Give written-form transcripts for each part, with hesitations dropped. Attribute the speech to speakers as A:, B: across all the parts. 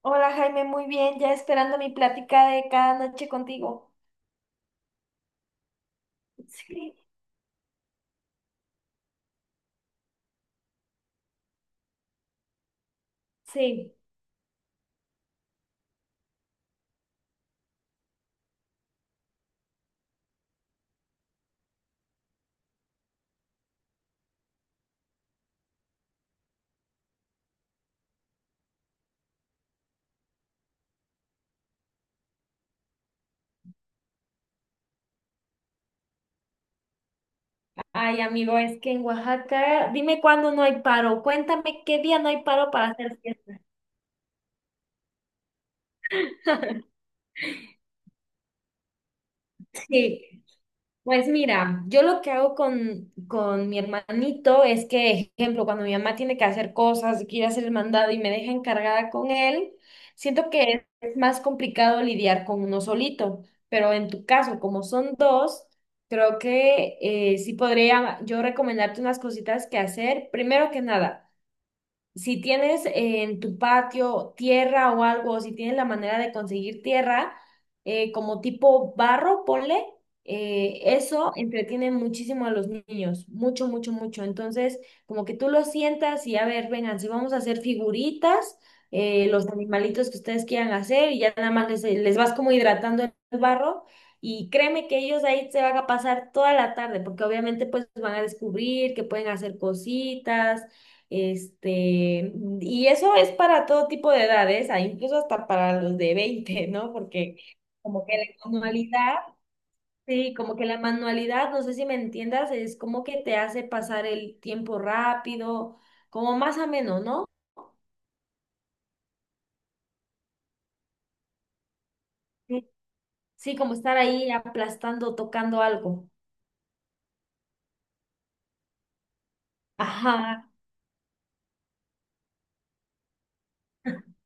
A: Hola Jaime, muy bien, ya esperando mi plática de cada noche contigo. Sí. Sí. Ay, amigo, es que en Oaxaca, dime cuándo no hay paro. Cuéntame qué día no hay paro para hacer fiesta. Sí. Pues mira, yo lo que hago con mi hermanito es que, ejemplo, cuando mi mamá tiene que hacer cosas, que ir a hacer el mandado y me deja encargada con él, siento que es más complicado lidiar con uno solito, pero en tu caso, como son dos, creo que sí podría yo recomendarte unas cositas que hacer. Primero que nada, si tienes en tu patio tierra o algo, o si tienes la manera de conseguir tierra, como tipo barro, ponle, eso entretiene muchísimo a los niños, mucho, mucho, mucho. Entonces, como que tú los sientas y a ver, vengan, si vamos a hacer figuritas, los animalitos que ustedes quieran hacer, y ya nada más les vas como hidratando el barro. Y créeme que ellos ahí se van a pasar toda la tarde, porque obviamente pues van a descubrir que pueden hacer cositas, este, y eso es para todo tipo de edades, ah, incluso hasta para los de veinte, ¿no? Porque como que la manualidad, sí, como que la manualidad, no sé si me entiendas, es como que te hace pasar el tiempo rápido, como más ameno, ¿no? Sí. Sí, como estar ahí aplastando, tocando algo. Ajá.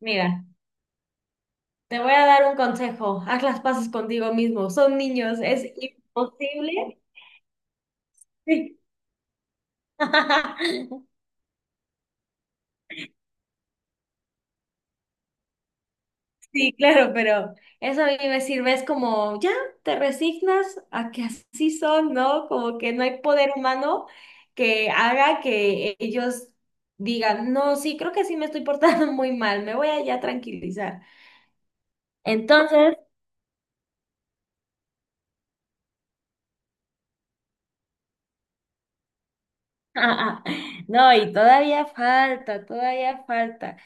A: Mira, te voy a dar un consejo. Haz las paces contigo mismo. Son niños, es imposible. Sí. Sí, claro, pero eso a mí me sirve, es como, ya, te resignas a que así son, ¿no? Como que no hay poder humano que haga que ellos digan, no, sí, creo que sí me estoy portando muy mal, me voy a ya tranquilizar. Entonces, no, y todavía falta, todavía falta.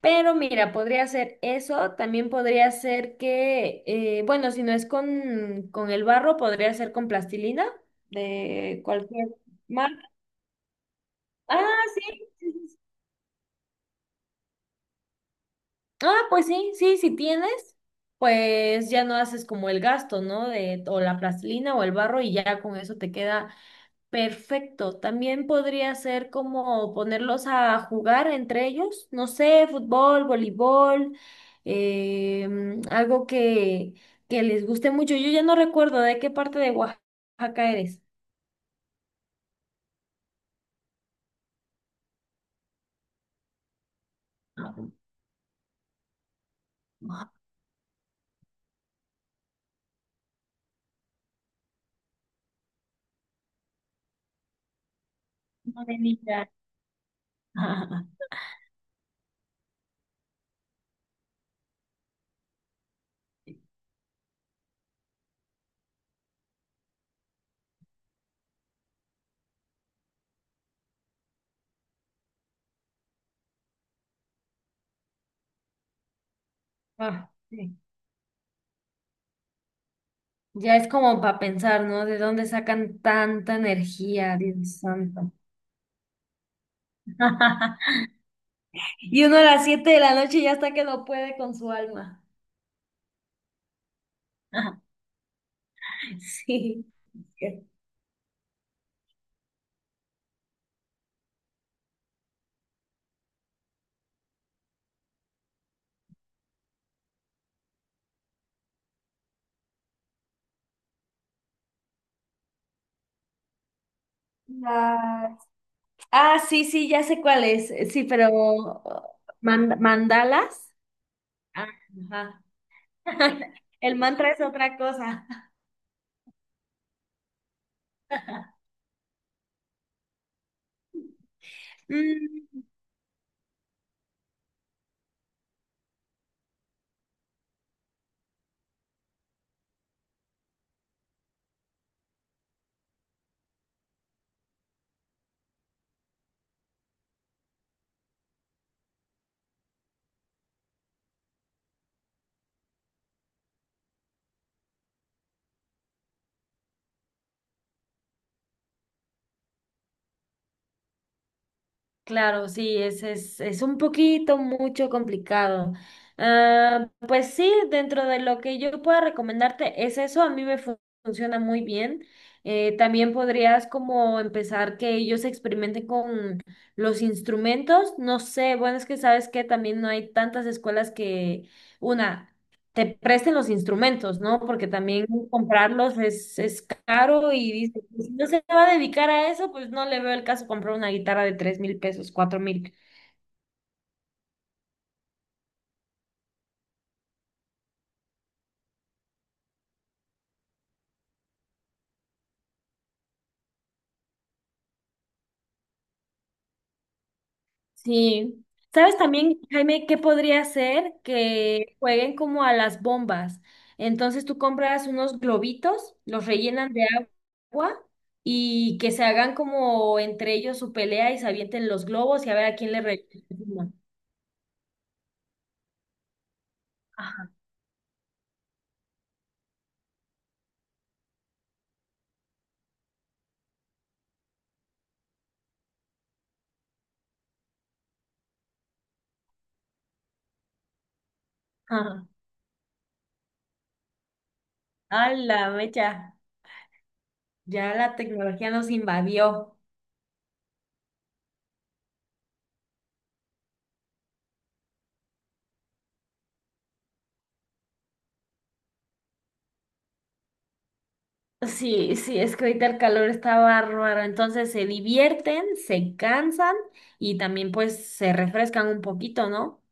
A: Pero mira, podría ser eso, también podría ser que, bueno, si no es con el barro, podría ser con plastilina de cualquier... Ah, sí. Sí, sí, sí. Ah, pues sí, sí, si tienes, pues ya no haces como el gasto, ¿no? De o la plastilina o el barro y ya con eso te queda perfecto. También podría ser como ponerlos a jugar entre ellos, no sé, fútbol, voleibol, eh, algo que les guste mucho. Yo ya no recuerdo de qué parte de Oaxaca eres. Ah, ah, no, de Mérida. Ah, sí. Ya es como para pensar, ¿no? ¿De dónde sacan tanta energía, Dios santo? Y uno a las 7 de la noche ya está que no puede con su alma. Sí. La- Ah, sí, sí, ya sé cuál es. Sí, pero mandalas. Ah. Ajá. El mantra es otra cosa. Mm. Claro, sí, es un poquito mucho complicado. Ah, pues sí, dentro de lo que yo pueda recomendarte es eso, a mí me funciona muy bien. También podrías como empezar que ellos experimenten con los instrumentos. No sé, bueno, es que sabes que también no hay tantas escuelas que una te presten los instrumentos, ¿no? Porque también comprarlos es caro y dice: "Pues, si no se va a dedicar a eso, pues no le veo el caso comprar una guitarra de 3000 pesos, 4000". Sí. ¿Sabes también, Jaime, qué podría ser que jueguen como a las bombas? Entonces tú compras unos globitos, los rellenan de agua y que se hagan como entre ellos su pelea y se avienten los globos y a ver a quién le rellena. Ajá. Ajá. A la mecha. Ya la tecnología nos invadió. Sí, sí, es que ahorita el calor está bárbaro, entonces se divierten, se cansan y también pues se refrescan un poquito, ¿no?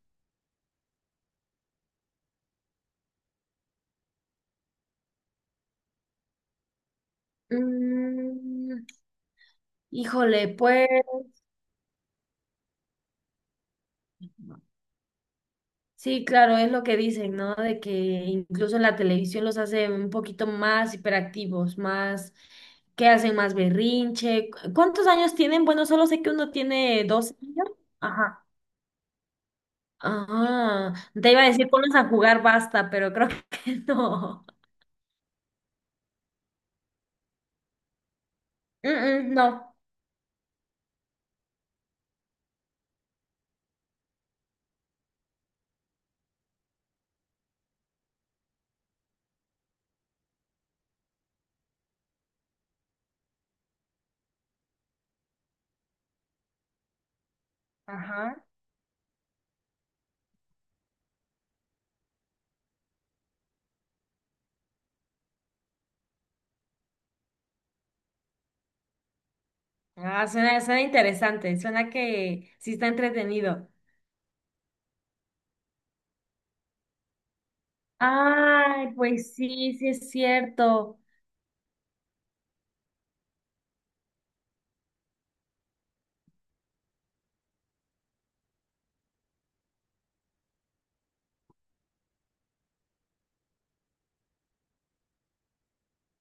A: Mm, híjole, pues sí, claro, es lo que dicen, ¿no? De que incluso en la televisión los hace un poquito más hiperactivos, más, que hacen más berrinche. ¿Cuántos años tienen? Bueno, solo sé que uno tiene 12 años. Ajá. Ah, te iba a decir, pones a jugar basta, pero creo que no. Mm, mm, no. Ajá. Ah, suena, suena interesante, suena que sí está entretenido. Ay, pues sí, sí es cierto.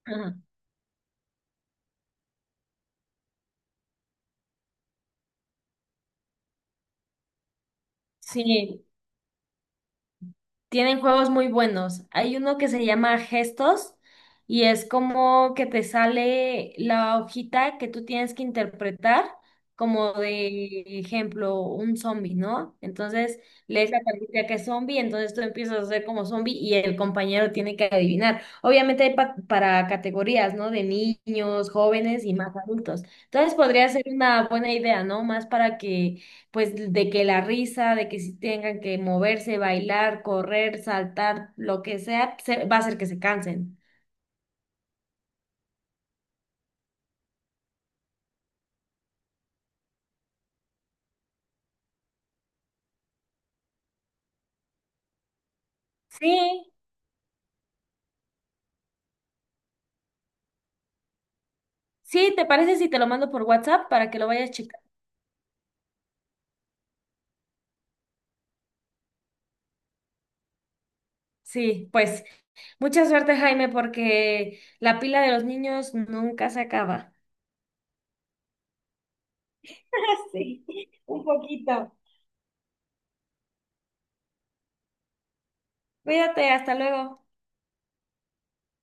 A: Ajá. Sí. Tienen juegos muy buenos. Hay uno que se llama Gestos y es como que te sale la hojita que tú tienes que interpretar como de ejemplo un zombie, ¿no? Entonces lees la pantalla que es zombie, entonces tú empiezas a ser como zombie y el compañero tiene que adivinar. Obviamente hay para categorías, ¿no? De niños, jóvenes y más adultos. Entonces podría ser una buena idea, ¿no? Más para que pues de que la risa, de que si tengan que moverse, bailar, correr, saltar, lo que sea, va a hacer que se cansen. Sí, sí, ¿te parece si te lo mando por WhatsApp para que lo vayas checando? Sí, pues mucha suerte, Jaime, porque la pila de los niños nunca se acaba. Sí, un poquito. Cuídate, hasta luego.